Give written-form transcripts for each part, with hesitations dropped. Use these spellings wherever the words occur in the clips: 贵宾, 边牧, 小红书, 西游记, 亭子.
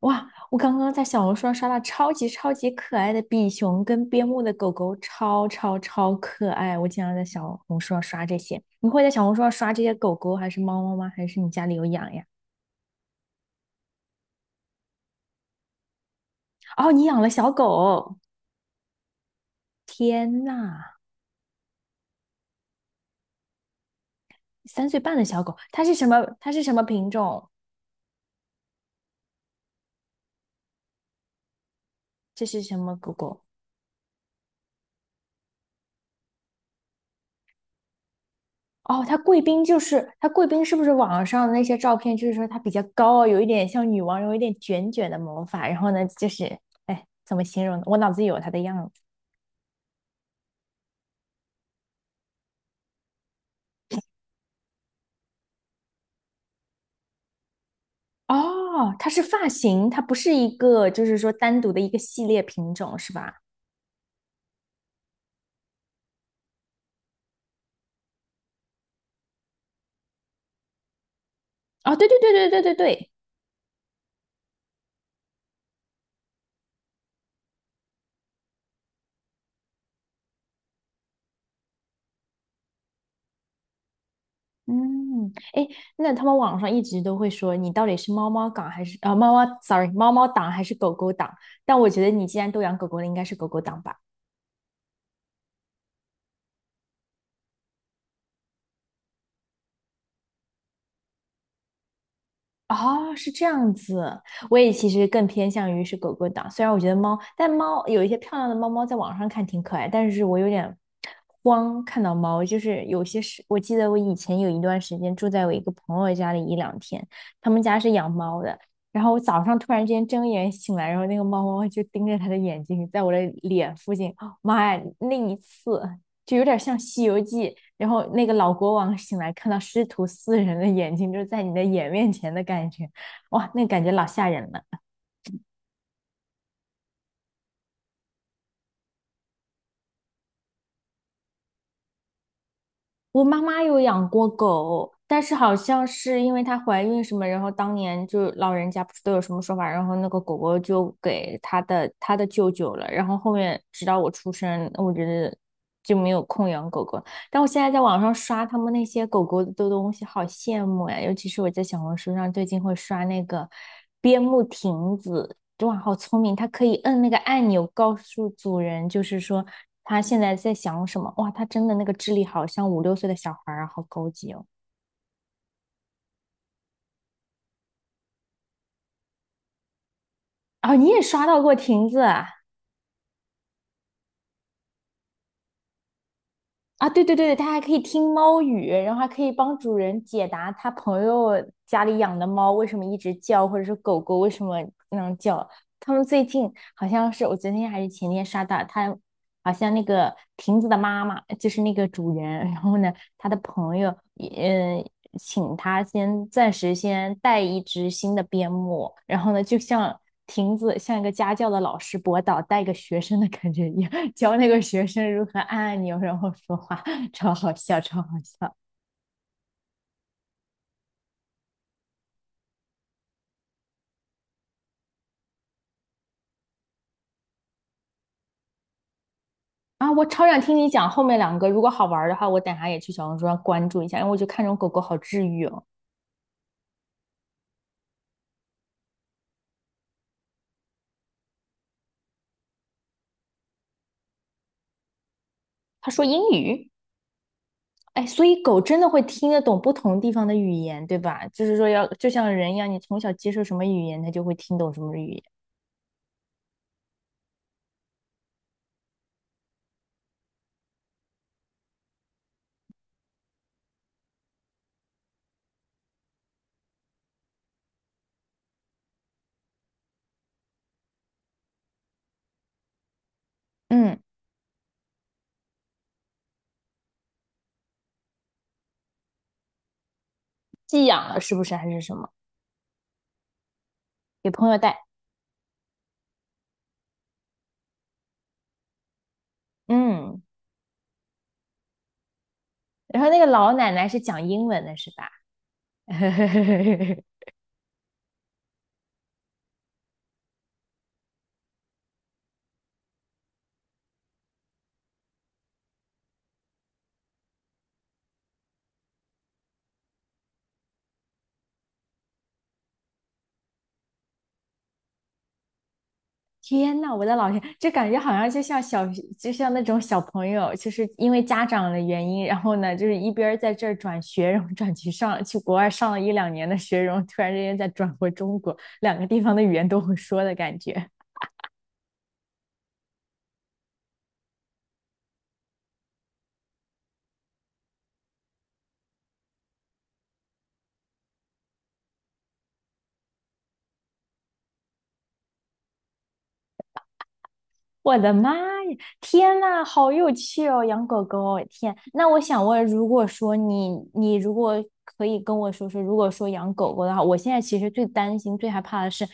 哇，我刚刚在小红书上刷到超级超级可爱的比熊跟边牧的狗狗，超超超可爱！我经常在小红书上刷这些。你会在小红书上刷这些狗狗还是猫猫吗？还是你家里有养呀？哦，你养了小狗，天呐，三岁半的小狗，它是什么？它是什么品种？这是什么狗狗？哦，她贵宾就是她贵宾，是不是网上的那些照片，就是说她比较高，有一点像女王，有一点卷卷的毛发，然后呢，就是哎，怎么形容呢？我脑子里有她的样子。哦，它是发型，它不是一个，就是说单独的一个系列品种，是吧？哦，对对对对对对对，嗯，哎，那他们网上一直都会说你到底是猫猫党还是啊、猫猫，sorry，猫猫党还是狗狗党？但我觉得你既然都养狗狗了，应该是狗狗党吧。哦，是这样子。我也其实更偏向于是狗狗党，虽然我觉得猫，但猫有一些漂亮的猫猫在网上看挺可爱，但是我有点慌看到猫，就是有些是，我记得我以前有一段时间住在我一个朋友家里一两天，他们家是养猫的，然后我早上突然之间睁眼醒来，然后那个猫猫就盯着他的眼睛，在我的脸附近，哦妈呀，那一次就有点像《西游记》。然后那个老国王醒来，看到师徒四人的眼睛，就是在你的眼面前的感觉，哇，那感觉老吓人了。我妈妈有养过狗，但是好像是因为她怀孕什么，然后当年就老人家不是都有什么说法，然后那个狗狗就给她的舅舅了，然后后面直到我出生，我觉得就没有空养狗狗。但我现在在网上刷他们那些狗狗的东西，好羡慕呀！尤其是我在小红书上最近会刷那个边牧亭子，哇，好聪明！他可以摁那个按钮，告诉主人，就是说他现在在想什么。哇，他真的那个智力好像五六岁的小孩儿啊，好高级哦！啊、你也刷到过亭子啊？啊，对对对，它还可以听猫语，然后还可以帮主人解答他朋友家里养的猫为什么一直叫，或者是狗狗为什么能叫。他们最近好像是我昨天还是前天刷到，他好像那个亭子的妈妈就是那个主人，然后呢，他的朋友也请他先暂时先带一只新的边牧，然后呢，就像亭子像一个家教的老师博导带一个学生的感觉一样。教那个学生如何按按钮然后说话，超好笑，超好笑啊！我超想听你讲后面两个，如果好玩的话，我等下也去小红书上关注一下，因为我就看这种狗狗好治愈哦。他说英语，哎，所以狗真的会听得懂不同地方的语言，对吧？就是说要就像人一样，你从小接受什么语言，它就会听懂什么语言。嗯，寄养了是不是还是什么？给朋友带。嗯，然后那个老奶奶是讲英文的，是吧？天呐，我的老天，这感觉好像就像小，就像那种小朋友，就是因为家长的原因，然后呢，就是一边儿在这儿转学，然后转去上去国外上了一两年的学，然后突然之间再转回中国，两个地方的语言都会说的感觉。我的妈呀！天呐，好有趣哦，养狗狗哦！天，那我想问，如果说你，你如果可以跟我说说，如果说养狗狗的话，我现在其实最担心、最害怕的是，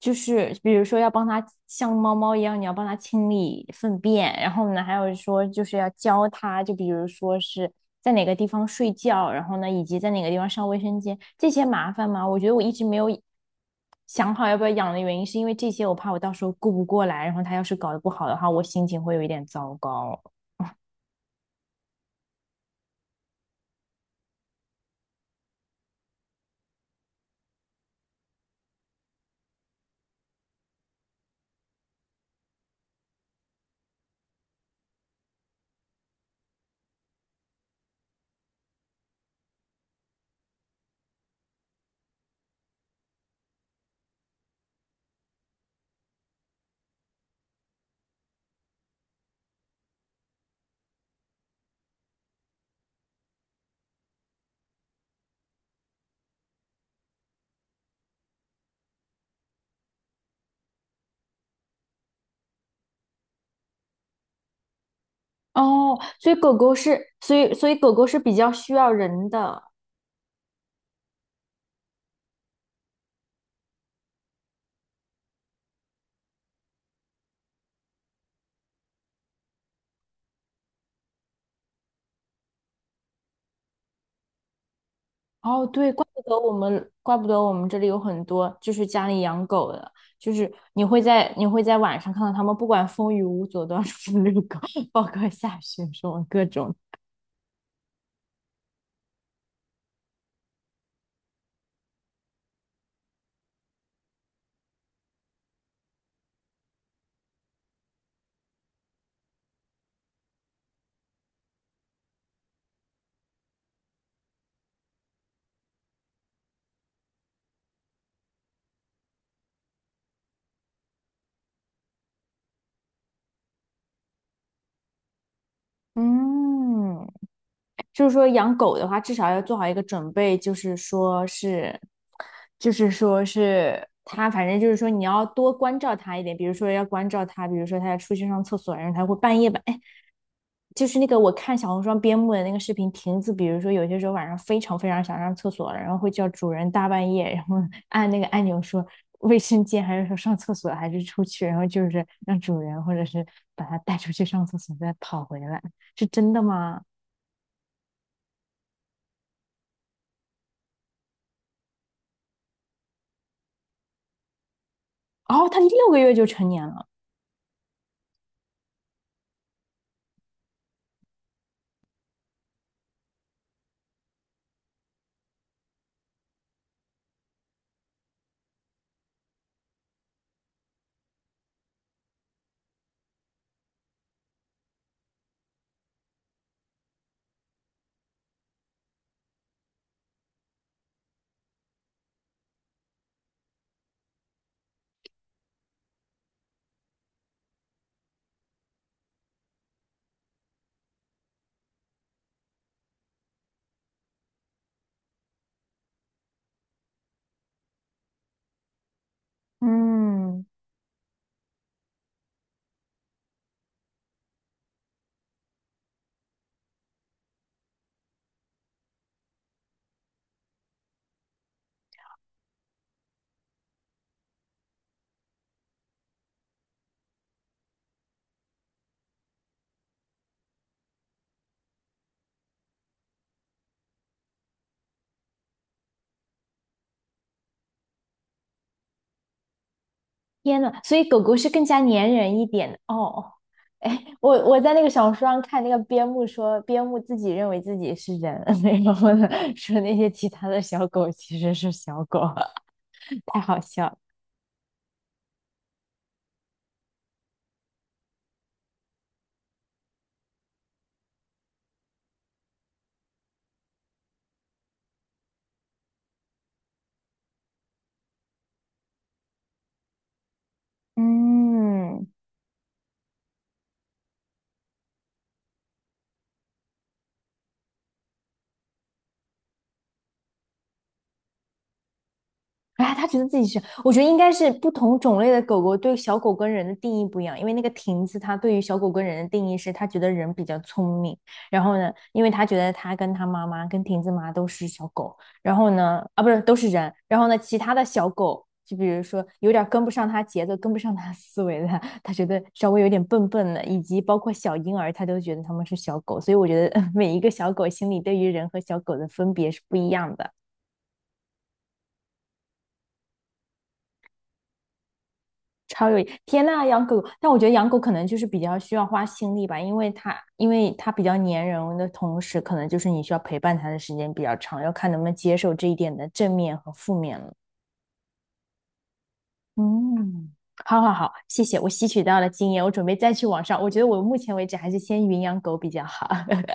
就是比如说要帮它像猫猫一样，你要帮它清理粪便，然后呢，还有说就是要教它，就比如说是在哪个地方睡觉，然后呢，以及在哪个地方上卫生间，这些麻烦吗？我觉得我一直没有。想好要不要养的原因，是因为这些我怕我到时候顾不过来，然后它要是搞得不好的话，我心情会有一点糟糕。哦，所以狗狗是，所以狗狗是比较需要人的。哦，对，怪不得我们，怪不得我们这里有很多就是家里养狗的，就是你会在晚上看到它们，不管风雨无阻 都要出去遛狗，包括下雪什么各种。嗯，就是说养狗的话，至少要做好一个准备，就是说是，就是说是它，反正就是说你要多关照它一点，比如说要关照它，比如说它要出去上厕所，然后它会半夜吧，哎，就是那个我看小红书上边牧的那个视频，亭子，比如说有些时候晚上非常非常想上厕所了，然后会叫主人大半夜，然后 按那个按钮说卫生间，还是说上厕所，还是出去，然后就是让主人或者是把它带出去上厕所，再跑回来，是真的吗？哦，它六个月就成年了，嗯，天呐，所以狗狗是更加粘人一点的哦。哎，我在那个小说上看那个边牧说，边牧自己认为自己是人，然后呢说那些其他的小狗其实是小狗，太好笑了。嗯，哎，他觉得自己是，我觉得应该是不同种类的狗狗对小狗跟人的定义不一样，因为那个亭子它对于小狗跟人的定义是，它觉得人比较聪明，然后呢，因为它觉得它跟它妈妈跟亭子妈都是小狗，然后呢，啊不是都是人，然后呢，其他的小狗就比如说有点跟不上它节奏，跟不上它思维的，它觉得稍微有点笨笨的，以及包括小婴儿，它都觉得它们是小狗，所以我觉得 每一个小狗心里对于人和小狗的分别是不一样的。超有天呐，养狗但我觉得养狗可能就是比较需要花心力吧，因为它比较粘人的同时，可能就是你需要陪伴它的时间比较长，要看能不能接受这一点的正面和负面了。嗯，好好好，谢谢，我吸取到了经验，我准备再去网上。我觉得我目前为止还是先云养狗比较好。